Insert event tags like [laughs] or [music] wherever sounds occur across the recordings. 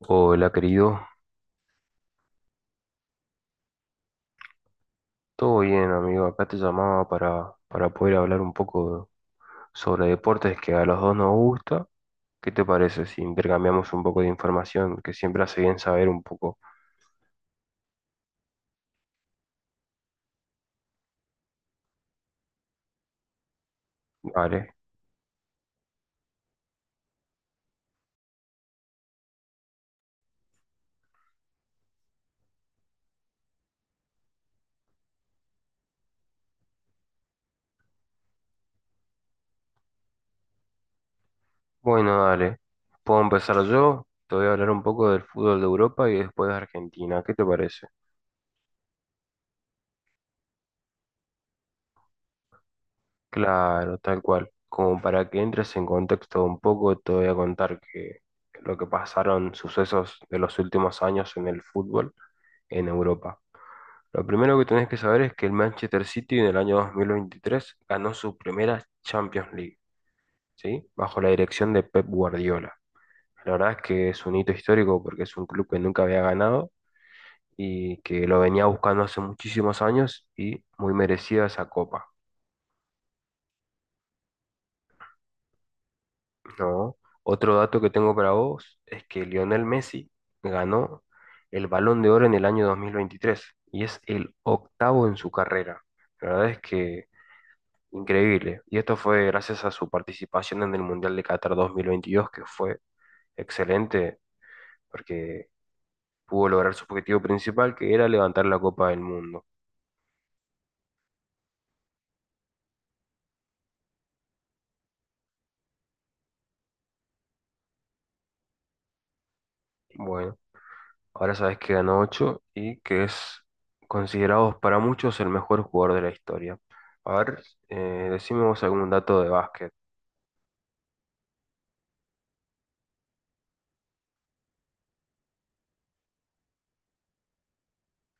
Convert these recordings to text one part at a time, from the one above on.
Hola, querido. Todo bien, amigo. Acá te llamaba para poder hablar un poco sobre deportes que a los dos nos gusta. ¿Qué te parece si intercambiamos un poco de información que siempre hace bien saber un poco? Vale. Bueno, dale. ¿Puedo empezar yo? Te voy a hablar un poco del fútbol de Europa y después de Argentina. ¿Qué te parece? Claro, tal cual. Como para que entres en contexto un poco, te voy a contar que lo que pasaron, sucesos de los últimos años en el fútbol en Europa. Lo primero que tenés que saber es que el Manchester City en el año 2023 ganó su primera Champions League, ¿sí? Bajo la dirección de Pep Guardiola. La verdad es que es un hito histórico porque es un club que nunca había ganado y que lo venía buscando hace muchísimos años y muy merecida esa copa, ¿no? Otro dato que tengo para vos es que Lionel Messi ganó el Balón de Oro en el año 2023 y es el octavo en su carrera. La verdad es que increíble. Y esto fue gracias a su participación en el Mundial de Qatar 2022, que fue excelente, porque pudo lograr su objetivo principal, que era levantar la Copa del Mundo. Bueno, ahora sabes que ganó 8 y que es considerado para muchos el mejor jugador de la historia. A ver, decime vos algún dato de básquet.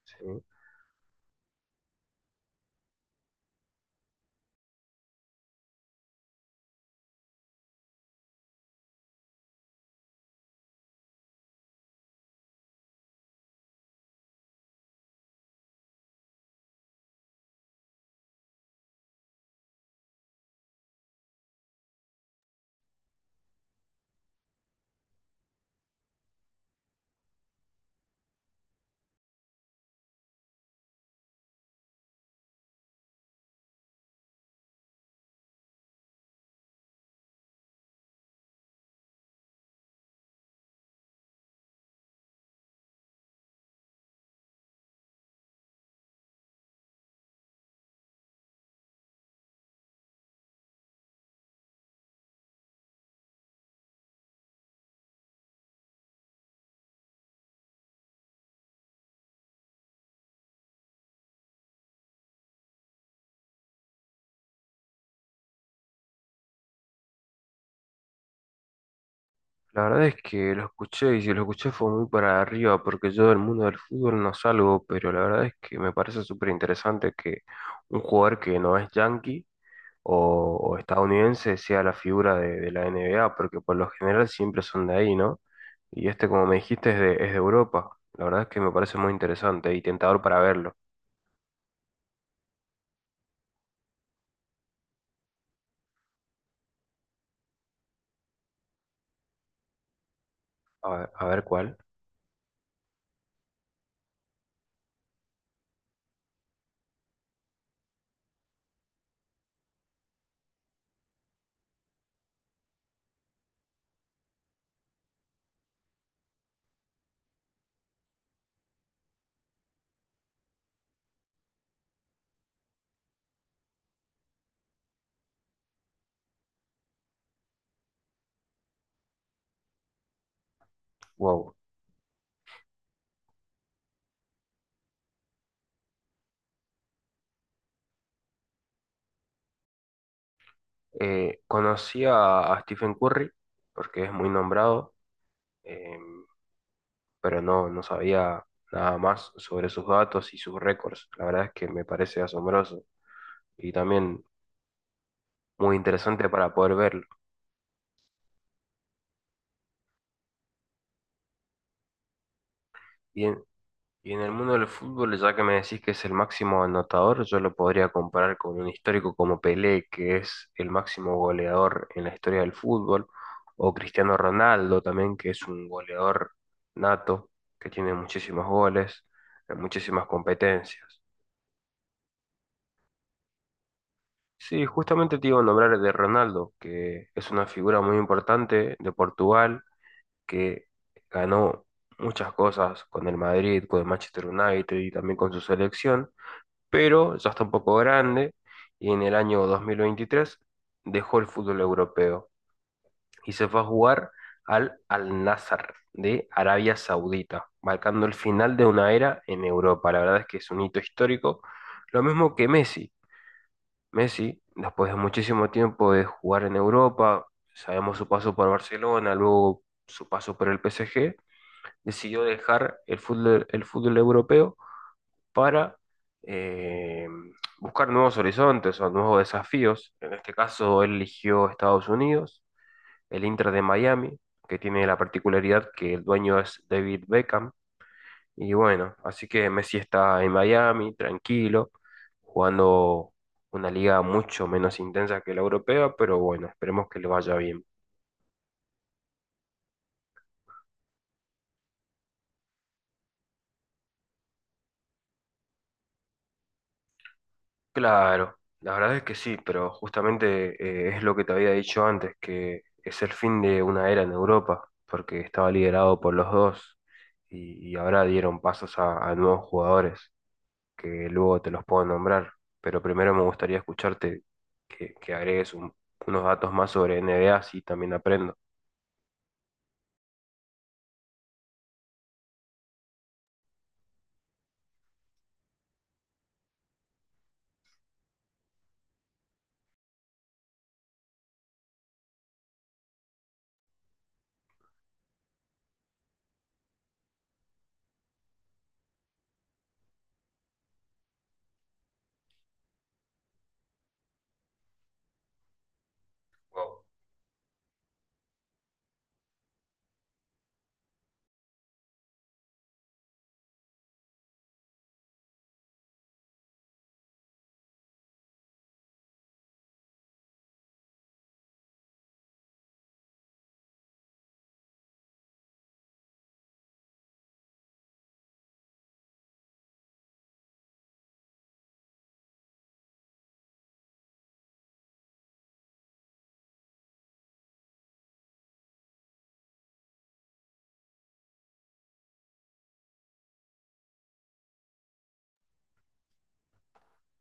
¿Sí? La verdad es que lo escuché y si lo escuché fue muy para arriba porque yo del mundo del fútbol no salgo, pero la verdad es que me parece súper interesante que un jugador que no es yankee o estadounidense sea la figura de la NBA porque por lo general siempre son de ahí, ¿no? Y este, como me dijiste, es de Europa. La verdad es que me parece muy interesante y tentador para verlo. A ver cuál. Wow. Conocí a Stephen Curry porque es muy nombrado. Em, pero no, no sabía nada más sobre sus datos y sus récords. La verdad es que me parece asombroso y también muy interesante para poder verlo. Y en, y en el mundo del fútbol, ya que me decís que es el máximo anotador, yo lo podría comparar con un histórico como Pelé, que es el máximo goleador en la historia del fútbol, o Cristiano Ronaldo también, que es un goleador nato, que tiene muchísimos goles, en muchísimas competencias. Sí, justamente te iba a nombrar de Ronaldo, que es una figura muy importante de Portugal, que ganó muchas cosas con el Madrid, con el Manchester United y también con su selección, pero ya está un poco grande y en el año 2023 dejó el fútbol europeo y se fue a jugar al Al-Nassr de Arabia Saudita, marcando el final de una era en Europa. La verdad es que es un hito histórico, lo mismo que Messi. Messi, después de muchísimo tiempo de jugar en Europa, sabemos su paso por Barcelona, luego su paso por el PSG, decidió dejar el fútbol europeo para eh, buscar nuevos horizontes o nuevos desafíos. En este caso, él eligió Estados Unidos, el Inter de Miami, que tiene la particularidad que el dueño es David Beckham, y bueno, así que Messi está en Miami, tranquilo, jugando una liga mucho menos intensa que la europea, pero bueno, esperemos que le vaya bien. Claro, la verdad es que sí, pero justamente es lo que te había dicho antes, que es el fin de una era en Europa, porque estaba liderado por los dos y ahora dieron pasos a nuevos jugadores, que luego te los puedo nombrar, pero primero me gustaría escucharte que agregues unos datos más sobre NBA, así también aprendo. Wow.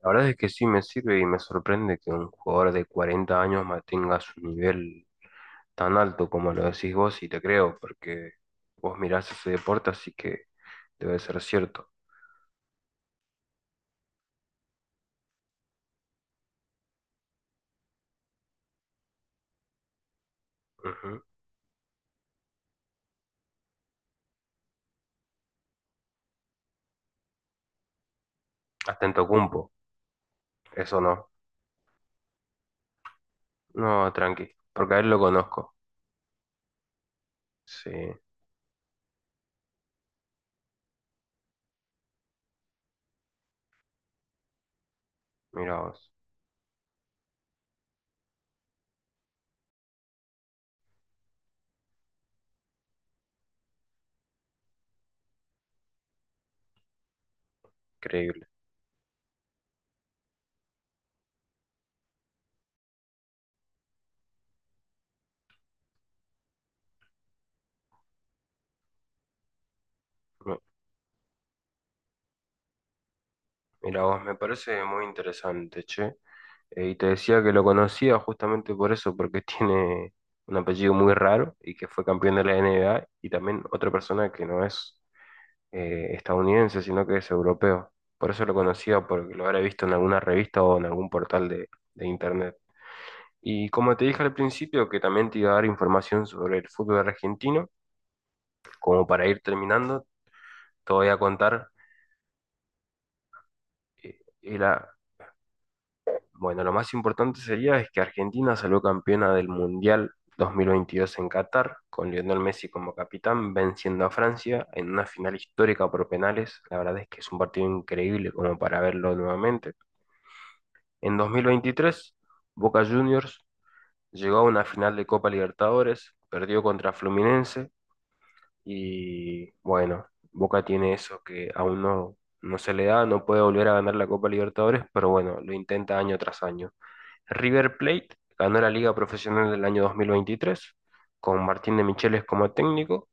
La verdad es que sí me sirve y me sorprende que un jugador de 40 años mantenga su nivel tan alto como lo decís vos y te creo, porque vos mirás ese deporte, así que debe ser cierto. Ujú. Hasta en Tocumpo, eso no. No, tranqui, porque a él lo conozco. Sí, mira vos, increíble. Mi- Mira vos, me parece muy interesante, che. Y te decía que lo conocía justamente por eso, porque [laughs] tiene un apellido muy raro y que fue campeón de la NBA y también otra persona que no es estadounidense, sino que es europeo. Por eso lo conocía, porque lo habré visto en alguna revista o en algún portal de internet. Y como te dije al principio, que también te iba a dar información sobre el fútbol argentino, como para ir terminando, te voy a contar. eh, el, a- Bueno, lo más importante sería es que Argentina salió campeona del Mundial 2022 en Qatar, con Lionel Messi como capitán, venciendo a Francia en una final histórica por penales. La verdad es que es un partido increíble como para verlo nuevamente. En 2023, Boca Juniors llegó a una final de Copa Libertadores, perdió contra Fluminense y bueno, Boca tiene eso que aún no, no se le da, no puede volver a ganar la Copa Libertadores, pero bueno, lo intenta año tras año. River Plate ganó la Liga Profesional del año 2023 con Martín de Micheles como técnico.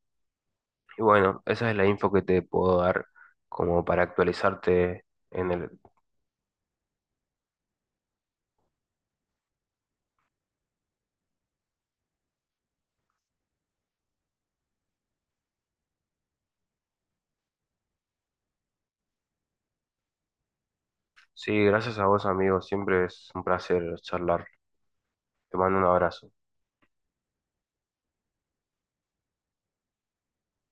Y bueno, esa es la info que te puedo dar como para actualizarte en el... Sí, gracias a vos, amigo. Siempre es un placer charlar. Te mando un abrazo.